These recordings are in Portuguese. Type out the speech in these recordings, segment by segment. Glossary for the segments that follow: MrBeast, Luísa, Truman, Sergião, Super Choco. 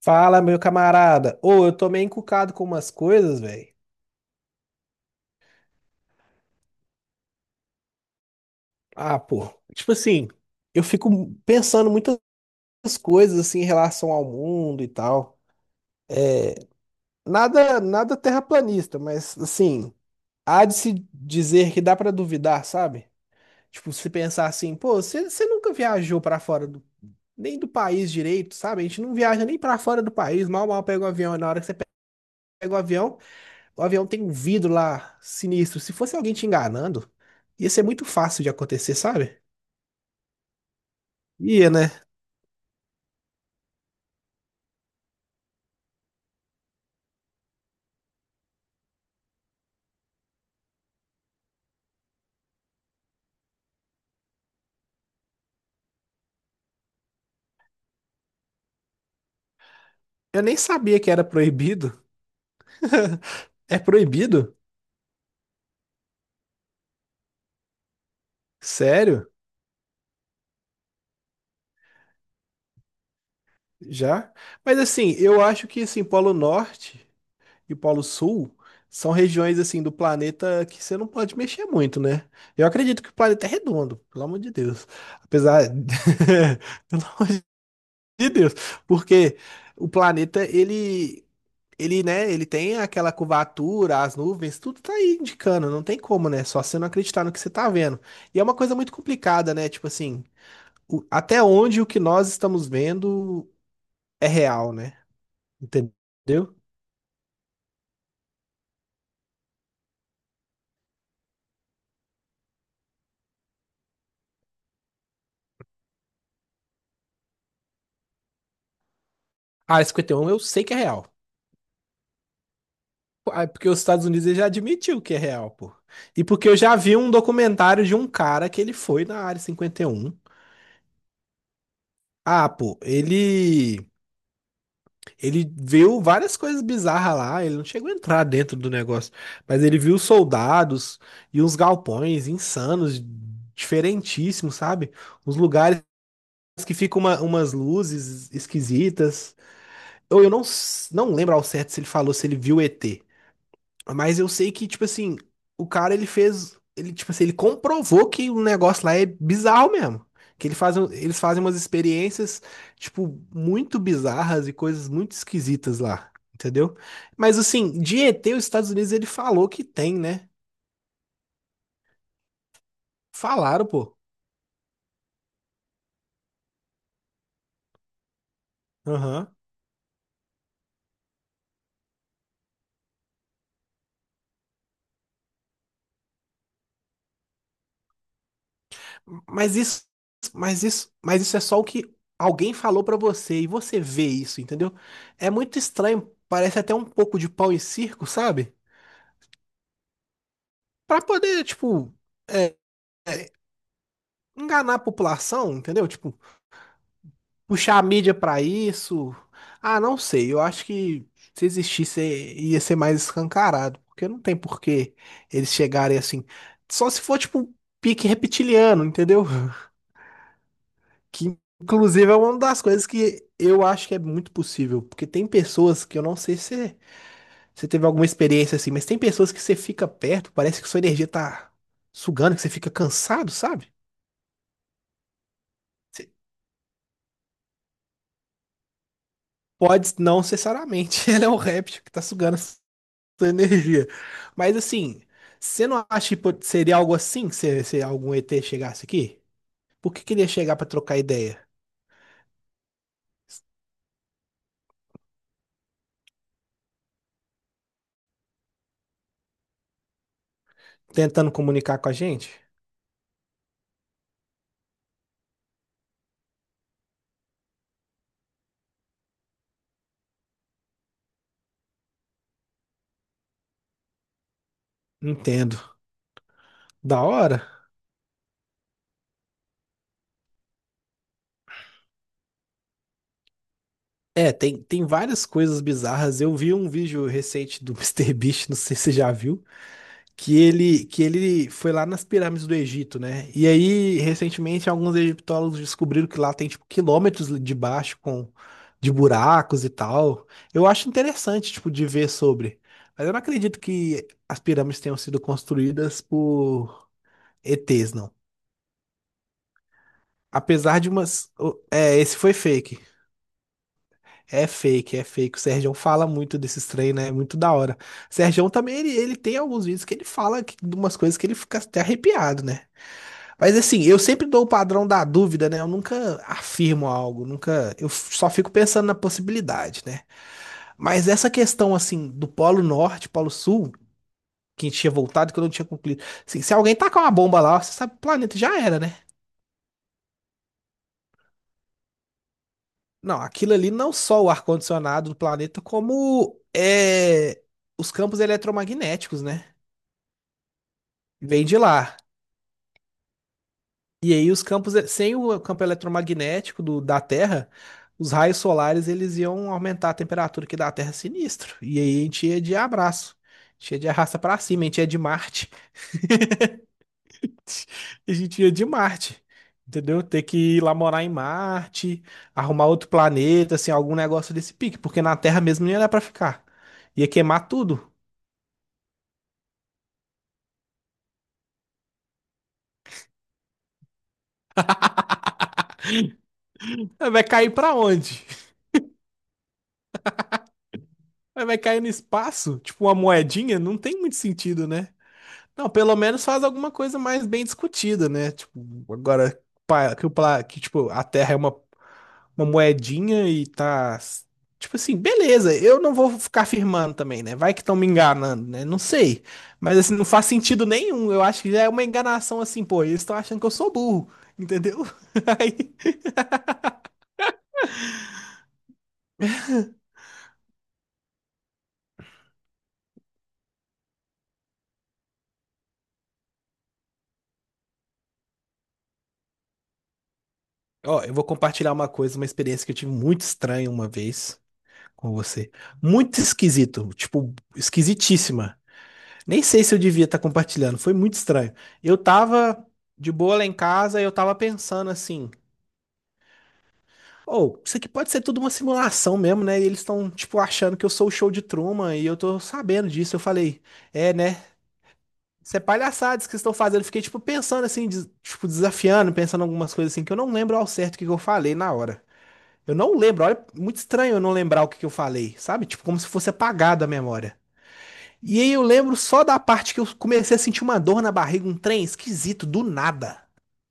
Fala, meu camarada. Ô, eu tô meio encucado com umas coisas, velho. Ah, pô. Tipo assim, eu fico pensando muitas coisas assim em relação ao mundo e tal. Nada, nada terraplanista, mas assim, há de se dizer que dá pra duvidar, sabe? Tipo, se pensar assim, pô, você nunca viajou pra fora do, nem do país direito, sabe? A gente não viaja nem pra fora do país, mal pega o avião. E na hora que você pega o avião, o avião tem um vidro lá sinistro. Se fosse alguém te enganando, ia ser muito fácil de acontecer, sabe? Ia, né? Eu nem sabia que era proibido. É proibido? Sério? Já? Mas assim, eu acho que assim, Polo Norte e Polo Sul são regiões assim do planeta que você não pode mexer muito, né? Eu acredito que o planeta é redondo, pelo amor de Deus. Apesar, pelo amor de Deus, porque o planeta ele tem aquela curvatura, as nuvens, tudo tá aí indicando, não tem como, né? Só você não acreditar no que você tá vendo. E é uma coisa muito complicada, né? Tipo assim, até onde o que nós estamos vendo é real, né? Entendeu? A Área 51 eu sei que é real. Ah, porque os Estados Unidos ele já admitiu que é real, pô. E porque eu já vi um documentário de um cara que ele foi na Área 51. Ah, pô, ele viu várias coisas bizarras lá, ele não chegou a entrar dentro do negócio, mas ele viu soldados e uns galpões insanos, diferentíssimos, sabe? Uns lugares que ficam umas luzes esquisitas. Eu não, s- Não lembro ao certo se ele falou se ele viu ET, mas eu sei que, tipo assim, o cara ele fez. Ele, tipo assim, ele comprovou que o negócio lá é bizarro mesmo. Que ele faz, um- Eles fazem umas experiências, tipo, muito bizarras e coisas muito esquisitas lá, entendeu? Mas assim, de ET, os Estados Unidos ele falou que tem, né? Falaram, pô. Aham. Mas isso, mas isso é só o que alguém falou pra você e você vê isso, entendeu? É muito estranho, parece até um pouco de pau em circo, sabe? Pra poder, tipo, é, é, enganar a população, entendeu? Tipo, puxar a mídia pra isso. Ah, não sei. Eu acho que se existisse ia ser mais escancarado, porque não tem por que eles chegarem assim. Só se for tipo um pique reptiliano, entendeu? Que inclusive é uma das coisas que eu acho que é muito possível, porque tem pessoas que eu não sei se você teve alguma experiência assim, mas tem pessoas que você fica perto, parece que sua energia tá sugando, que você fica cansado, sabe? Pode não necessariamente, ela é um réptil que tá sugando a sua energia. Mas assim, você não acha que pode, seria algo assim se algum ET chegasse aqui? Por que queria chegar pra trocar ideia? Tentando comunicar com a gente? Entendo. Da hora? É, tem, tem várias coisas bizarras. Eu vi um vídeo recente do Mister MrBeast, não sei se você já viu, que ele foi lá nas pirâmides do Egito, né? E aí, recentemente, alguns egiptólogos descobriram que lá tem tipo quilômetros de baixo com de buracos e tal. Eu acho interessante tipo de ver sobre, mas eu não acredito que as pirâmides tenham sido construídas por ETs, não. Apesar de umas, o- é, esse foi fake. É fake, é fake. O Sergião fala muito desses trem, né? É muito da hora. O Sergião também, ele tem alguns vídeos que ele fala que, de umas coisas que ele fica até arrepiado, né? Mas assim, eu sempre dou o padrão da dúvida, né? Eu nunca afirmo algo, nunca. Eu só fico pensando na possibilidade, né? Mas essa questão, assim, do Polo Norte, Polo Sul, que tinha voltado, que eu não tinha concluído. Assim, se alguém tacar uma bomba lá, você sabe, o planeta já era, né? Não, aquilo ali não só o ar-condicionado do planeta, como é, os campos eletromagnéticos, né? Vem de lá. E aí os campos, sem o campo eletromagnético da Terra, os raios solares eles iam aumentar a temperatura aqui da Terra sinistro. E aí a gente ia de abraço, a gente ia de arrasta pra cima, a gente ia de Marte, a gente ia de Marte, entendeu? Ter que ir lá morar em Marte, arrumar outro planeta, assim, algum negócio desse pique, porque na Terra mesmo não ia dar pra ficar. Ia queimar tudo. Vai cair pra onde? Vai cair no espaço? Tipo uma moedinha? Não tem muito sentido, né? Não, pelo menos faz alguma coisa mais bem discutida, né? Tipo, agora pa- que, o, pla- que tipo, a Terra é uma moedinha e tá. Tipo assim, beleza, eu não vou ficar afirmando também, né? Vai que estão me enganando, né? Não sei. Mas assim, não faz sentido nenhum. Eu acho que já é uma enganação assim, pô, eles estão achando que eu sou burro, entendeu? Aí, ó, eu vou compartilhar uma coisa, uma experiência que eu tive muito estranha uma vez com você. Muito esquisito, tipo, esquisitíssima. Nem sei se eu devia estar compartilhando, foi muito estranho. Eu tava de boa lá em casa e eu tava pensando assim: ou isso aqui pode ser tudo uma simulação mesmo, né? E eles estão, tipo, achando que eu sou o show de Truman e eu tô sabendo disso. Eu falei: é, né? Isso é palhaçadas que estão fazendo. Eu fiquei, tipo, pensando assim, tipo, desafiando, pensando algumas coisas assim, que eu não lembro ao certo o que que eu falei na hora. Eu não lembro, olha, muito estranho eu não lembrar o que que eu falei, sabe? Tipo, como se fosse apagado a memória. E aí eu lembro só da parte que eu comecei a sentir uma dor na barriga, um trem esquisito, do nada.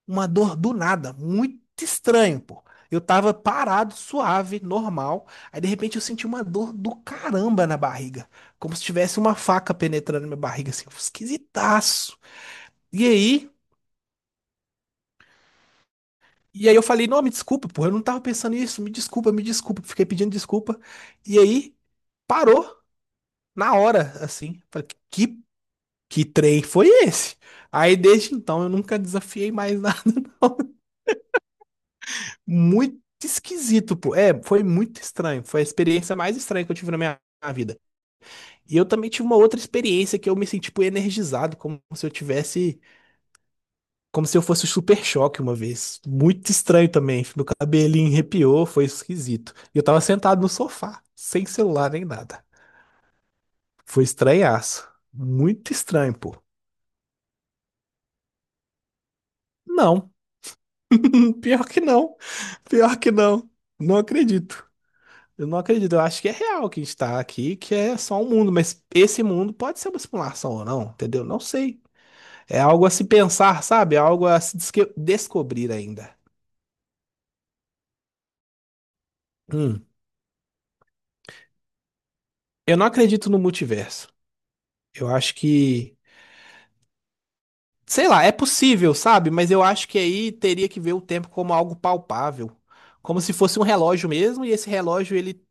Uma dor do nada, muito estranho, pô. Eu tava parado, suave, normal. Aí de repente eu senti uma dor do caramba na barriga. Como se tivesse uma faca penetrando na minha barriga, assim, esquisitaço. E aí, e aí eu falei, não, me desculpa, pô, eu não tava pensando nisso, me desculpa, me desculpa. Fiquei pedindo desculpa. E aí, parou na hora, assim. Falei, que trem foi esse? Aí desde então eu nunca desafiei mais nada. Muito esquisito, pô. É, foi muito estranho. Foi a experiência mais estranha que eu tive na minha na vida. E eu também tive uma outra experiência que eu me senti, tipo, energizado, como se eu tivesse, como se eu fosse o Super Choque uma vez. Muito estranho também. Meu cabelinho arrepiou, foi esquisito. E eu tava sentado no sofá, sem celular nem nada. Foi estranhaço. Muito estranho, pô. Não, pior que não. Pior que não. Não acredito. Eu não acredito, eu acho que é real que a gente tá aqui, que é só um mundo, mas esse mundo pode ser uma simulação ou não, entendeu? Não sei. É algo a se pensar, sabe? É algo a se desque- descobrir ainda. Hum. Eu não acredito no multiverso. Eu acho que, sei lá, é possível, sabe? Mas eu acho que aí teria que ver o tempo como algo palpável, como se fosse um relógio mesmo, e esse relógio ele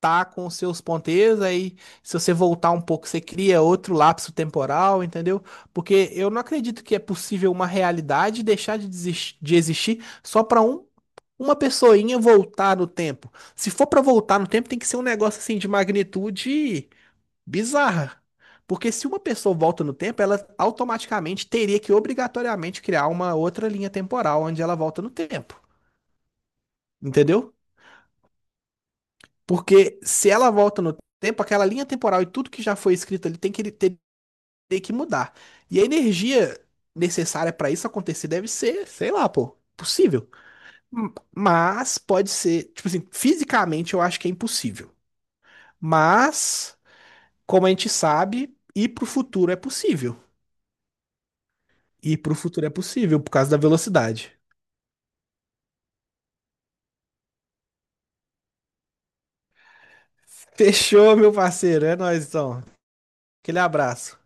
tá com seus ponteiros, aí se você voltar um pouco, você cria outro lapso temporal, entendeu? Porque eu não acredito que é possível uma realidade deixar de, de existir só para um, uma pessoinha voltar no tempo. Se for para voltar no tempo, tem que ser um negócio assim de magnitude bizarra. Porque se uma pessoa volta no tempo, ela automaticamente teria que obrigatoriamente criar uma outra linha temporal onde ela volta no tempo. Entendeu? Porque se ela volta no tempo, aquela linha temporal e tudo que já foi escrito ali tem que ter, tem que mudar. E a energia necessária pra isso acontecer deve ser, sei lá, pô, possível. Mas pode ser, tipo assim, fisicamente eu acho que é impossível. Mas, como a gente sabe, ir pro futuro é possível. Ir pro futuro é possível por causa da velocidade. Fechou, meu parceiro. É nóis, então. Aquele abraço.